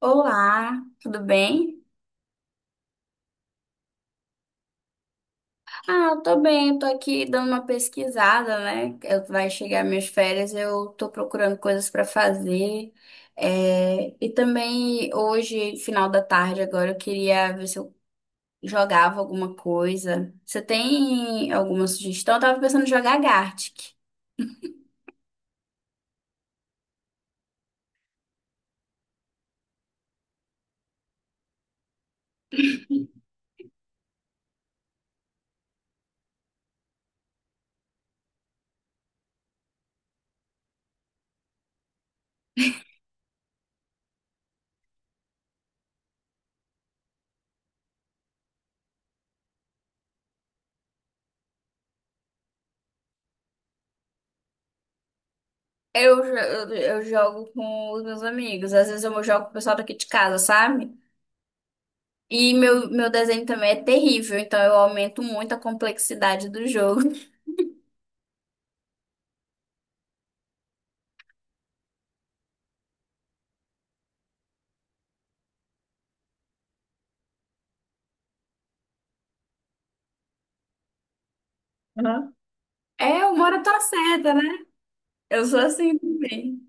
Olá, tudo bem? Eu tô bem, eu tô aqui dando uma pesquisada, né? Eu, vai chegar minhas férias, eu tô procurando coisas pra fazer. É, e também hoje, final da tarde, agora eu queria ver se eu jogava alguma coisa. Você tem alguma sugestão? Eu tava pensando em jogar Gartic. Eu jogo com os meus amigos, às vezes eu jogo com o pessoal daqui de casa, sabe? E meu desenho também é terrível, então eu aumento muito a complexidade do jogo. Aham. É, eu moro na tua, né? Eu sou assim também.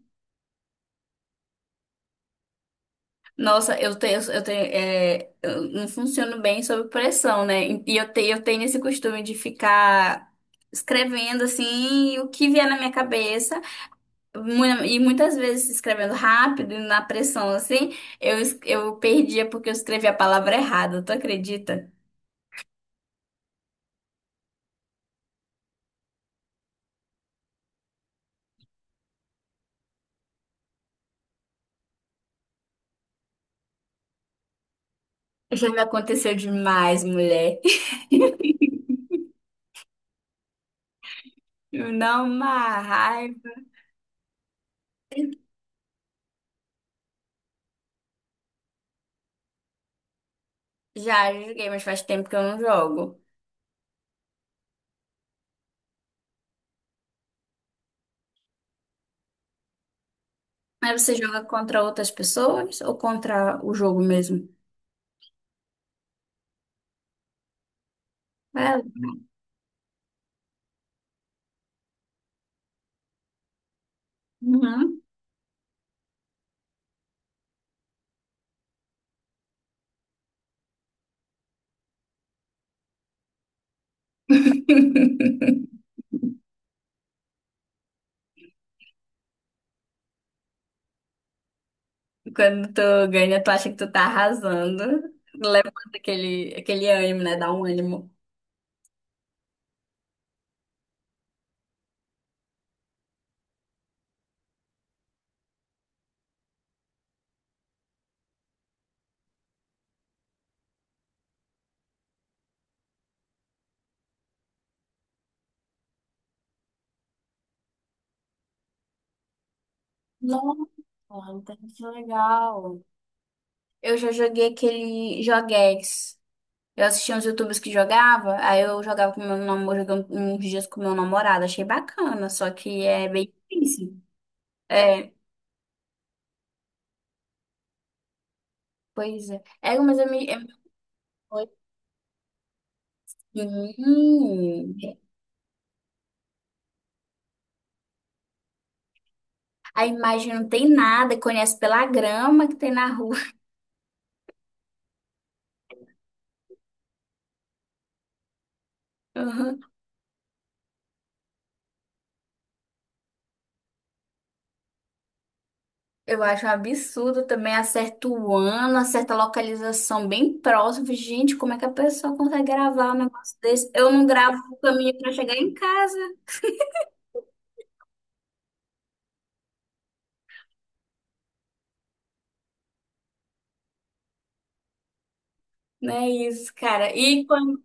Nossa, eu não funciono bem sob pressão, né? E eu tenho esse costume de ficar escrevendo assim o que vier na minha cabeça, e muitas vezes escrevendo rápido, e na pressão assim, eu perdia porque eu escrevi a palavra errada, tu acredita? Já me aconteceu demais, mulher. Não, uma raiva. Já joguei, mas faz tempo que eu não jogo. Aí você joga contra outras pessoas ou contra o jogo mesmo? É. Uhum. Quando tu ganha, tu acha que tu tá arrasando. Levanta aquele ânimo, né? Dá um ânimo. Nossa, entendi, que legal. Eu já joguei aquele joguex. Eu assistia uns YouTubers que jogava, aí eu jogava com meu namorado, jogava uns dias com meu namorado. Achei bacana, só que é bem difícil. É, pois é. Sim. A imagem não tem nada, conhece pela grama que tem na rua. Uhum. Eu acho um absurdo também, acerta o ano, acerta a localização bem próximo. Gente, como é que a pessoa consegue gravar um negócio desse? Eu não gravo o caminho para chegar em casa. Não é isso, cara. E quando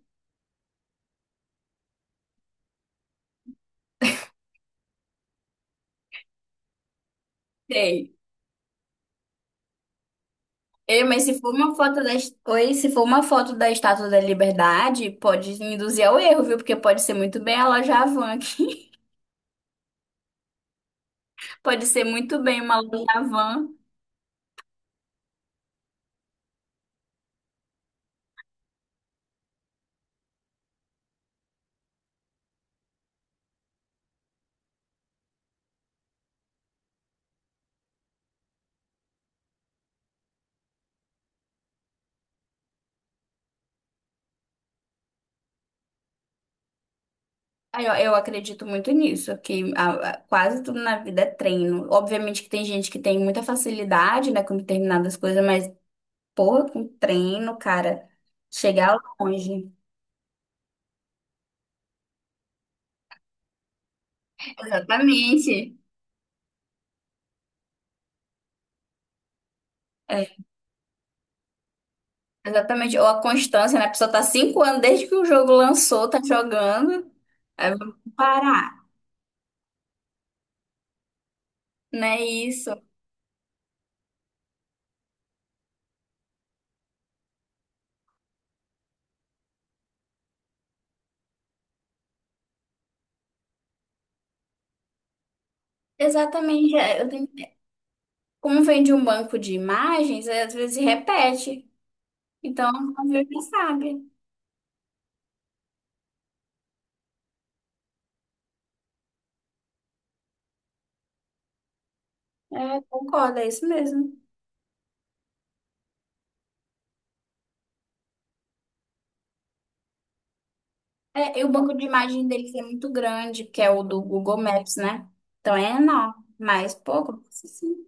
tem? Ei, mas se for uma foto da... est- Oi, se for uma foto da Estátua da Liberdade, pode induzir ao erro, viu? Porque pode ser muito bem a loja Havan aqui. Pode ser muito bem uma loja Havan. Aí, ó, eu acredito muito nisso, que quase tudo na vida é treino. Obviamente que tem gente que tem muita facilidade, né, com determinadas coisas, mas, porra, com treino, cara, chegar longe. Exatamente. É, exatamente. Ou a constância, né? A pessoa tá 5 anos desde que o jogo lançou, tá jogando. Aí vamos parar, né? Isso. Exatamente. Como vem de um banco de imagens, é, às vezes repete. Então, não vê o sabe. É, concordo, é isso mesmo. É, e o banco de imagem deles é muito grande, que é o do Google Maps, né? Então é enorme, mas pouco, sim.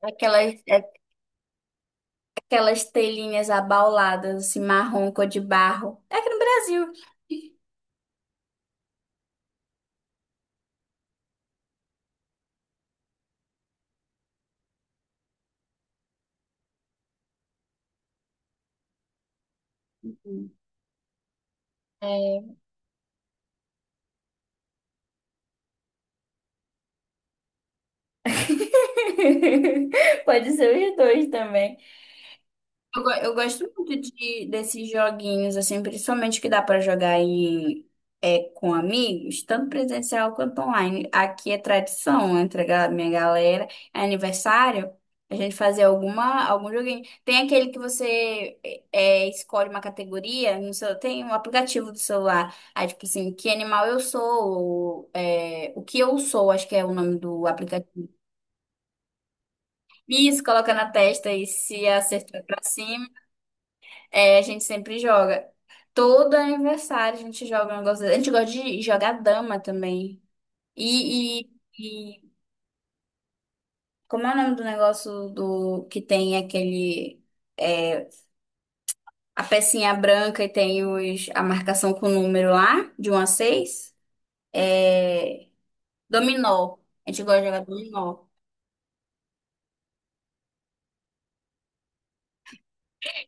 Aquelas, é- aquelas telhinhas abauladas, assim, marrom, cor de barro. É aqui no Brasil. É. Pode ser os dois também. Eu gosto muito de, desses joguinhos, assim, principalmente que dá para jogar em, é, com amigos, tanto presencial quanto online. Aqui é tradição entre minha galera, é aniversário, a gente fazer alguma, algum joguinho. Tem aquele que escolhe uma categoria, no seu, tem um aplicativo do celular, aí tipo assim, que animal eu sou, ou, é, o que eu sou, acho que é o nome do aplicativo. Isso, coloca na testa e se acertar pra cima. É, a gente sempre joga. Todo aniversário a gente joga um negócio desse. A gente gosta de jogar dama também. E, e, e como é o nome do negócio do que tem aquele, é, a pecinha branca e tem os, a marcação com o número lá, de um a seis. É, dominó. A gente gosta de jogar dominó.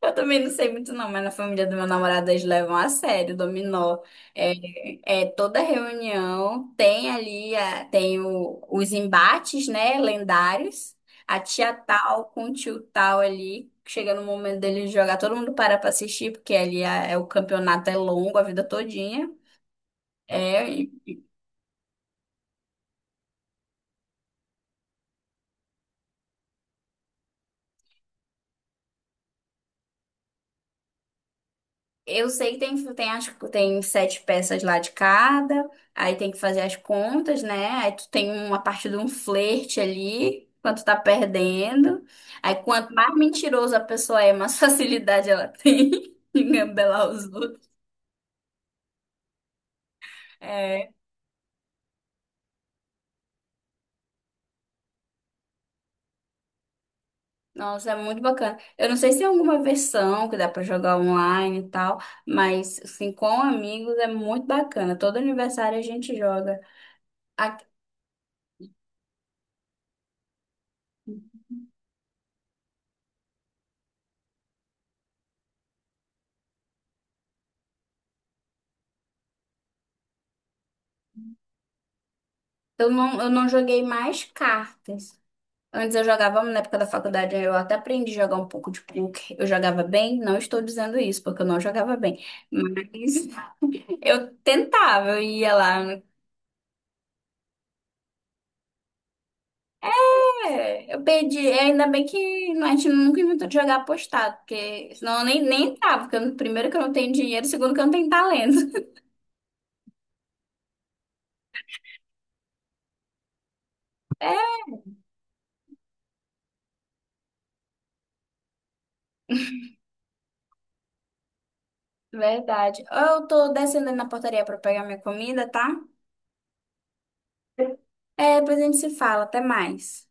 Eu também não sei muito não, mas na família do meu namorado eles levam a sério o dominó. É, é, toda reunião tem ali tem os embates, né, lendários. A tia tal com o tio tal ali, chega no momento dele jogar, todo mundo para para assistir, porque ali é, o campeonato é longo, a vida todinha. É, eu sei que tem 7 peças lá de cada, aí tem que fazer as contas, né? Aí tu tem uma parte de um flerte ali, quanto tá perdendo. Aí quanto mais mentiroso a pessoa é, mais facilidade ela tem em gambelar os outros. É, nossa, é muito bacana. Eu não sei se é alguma versão que dá pra jogar online e tal, mas assim, com amigos é muito bacana. Todo aniversário a gente joga. A- eu não, eu não joguei mais cartas. Antes eu jogava, na época da faculdade, eu até aprendi a jogar um pouco de poker. Eu jogava bem, não estou dizendo isso, porque eu não jogava bem. Mas eu tentava, eu ia lá. É, eu perdi. É, ainda bem que a gente nunca inventou de jogar apostado, porque senão eu nem, nem entrava. Porque eu- primeiro que eu não tenho dinheiro, segundo que eu não tenho talento. É, verdade. Eu tô descendo ali na portaria para pegar minha comida, tá? É, depois a gente se fala. Até mais.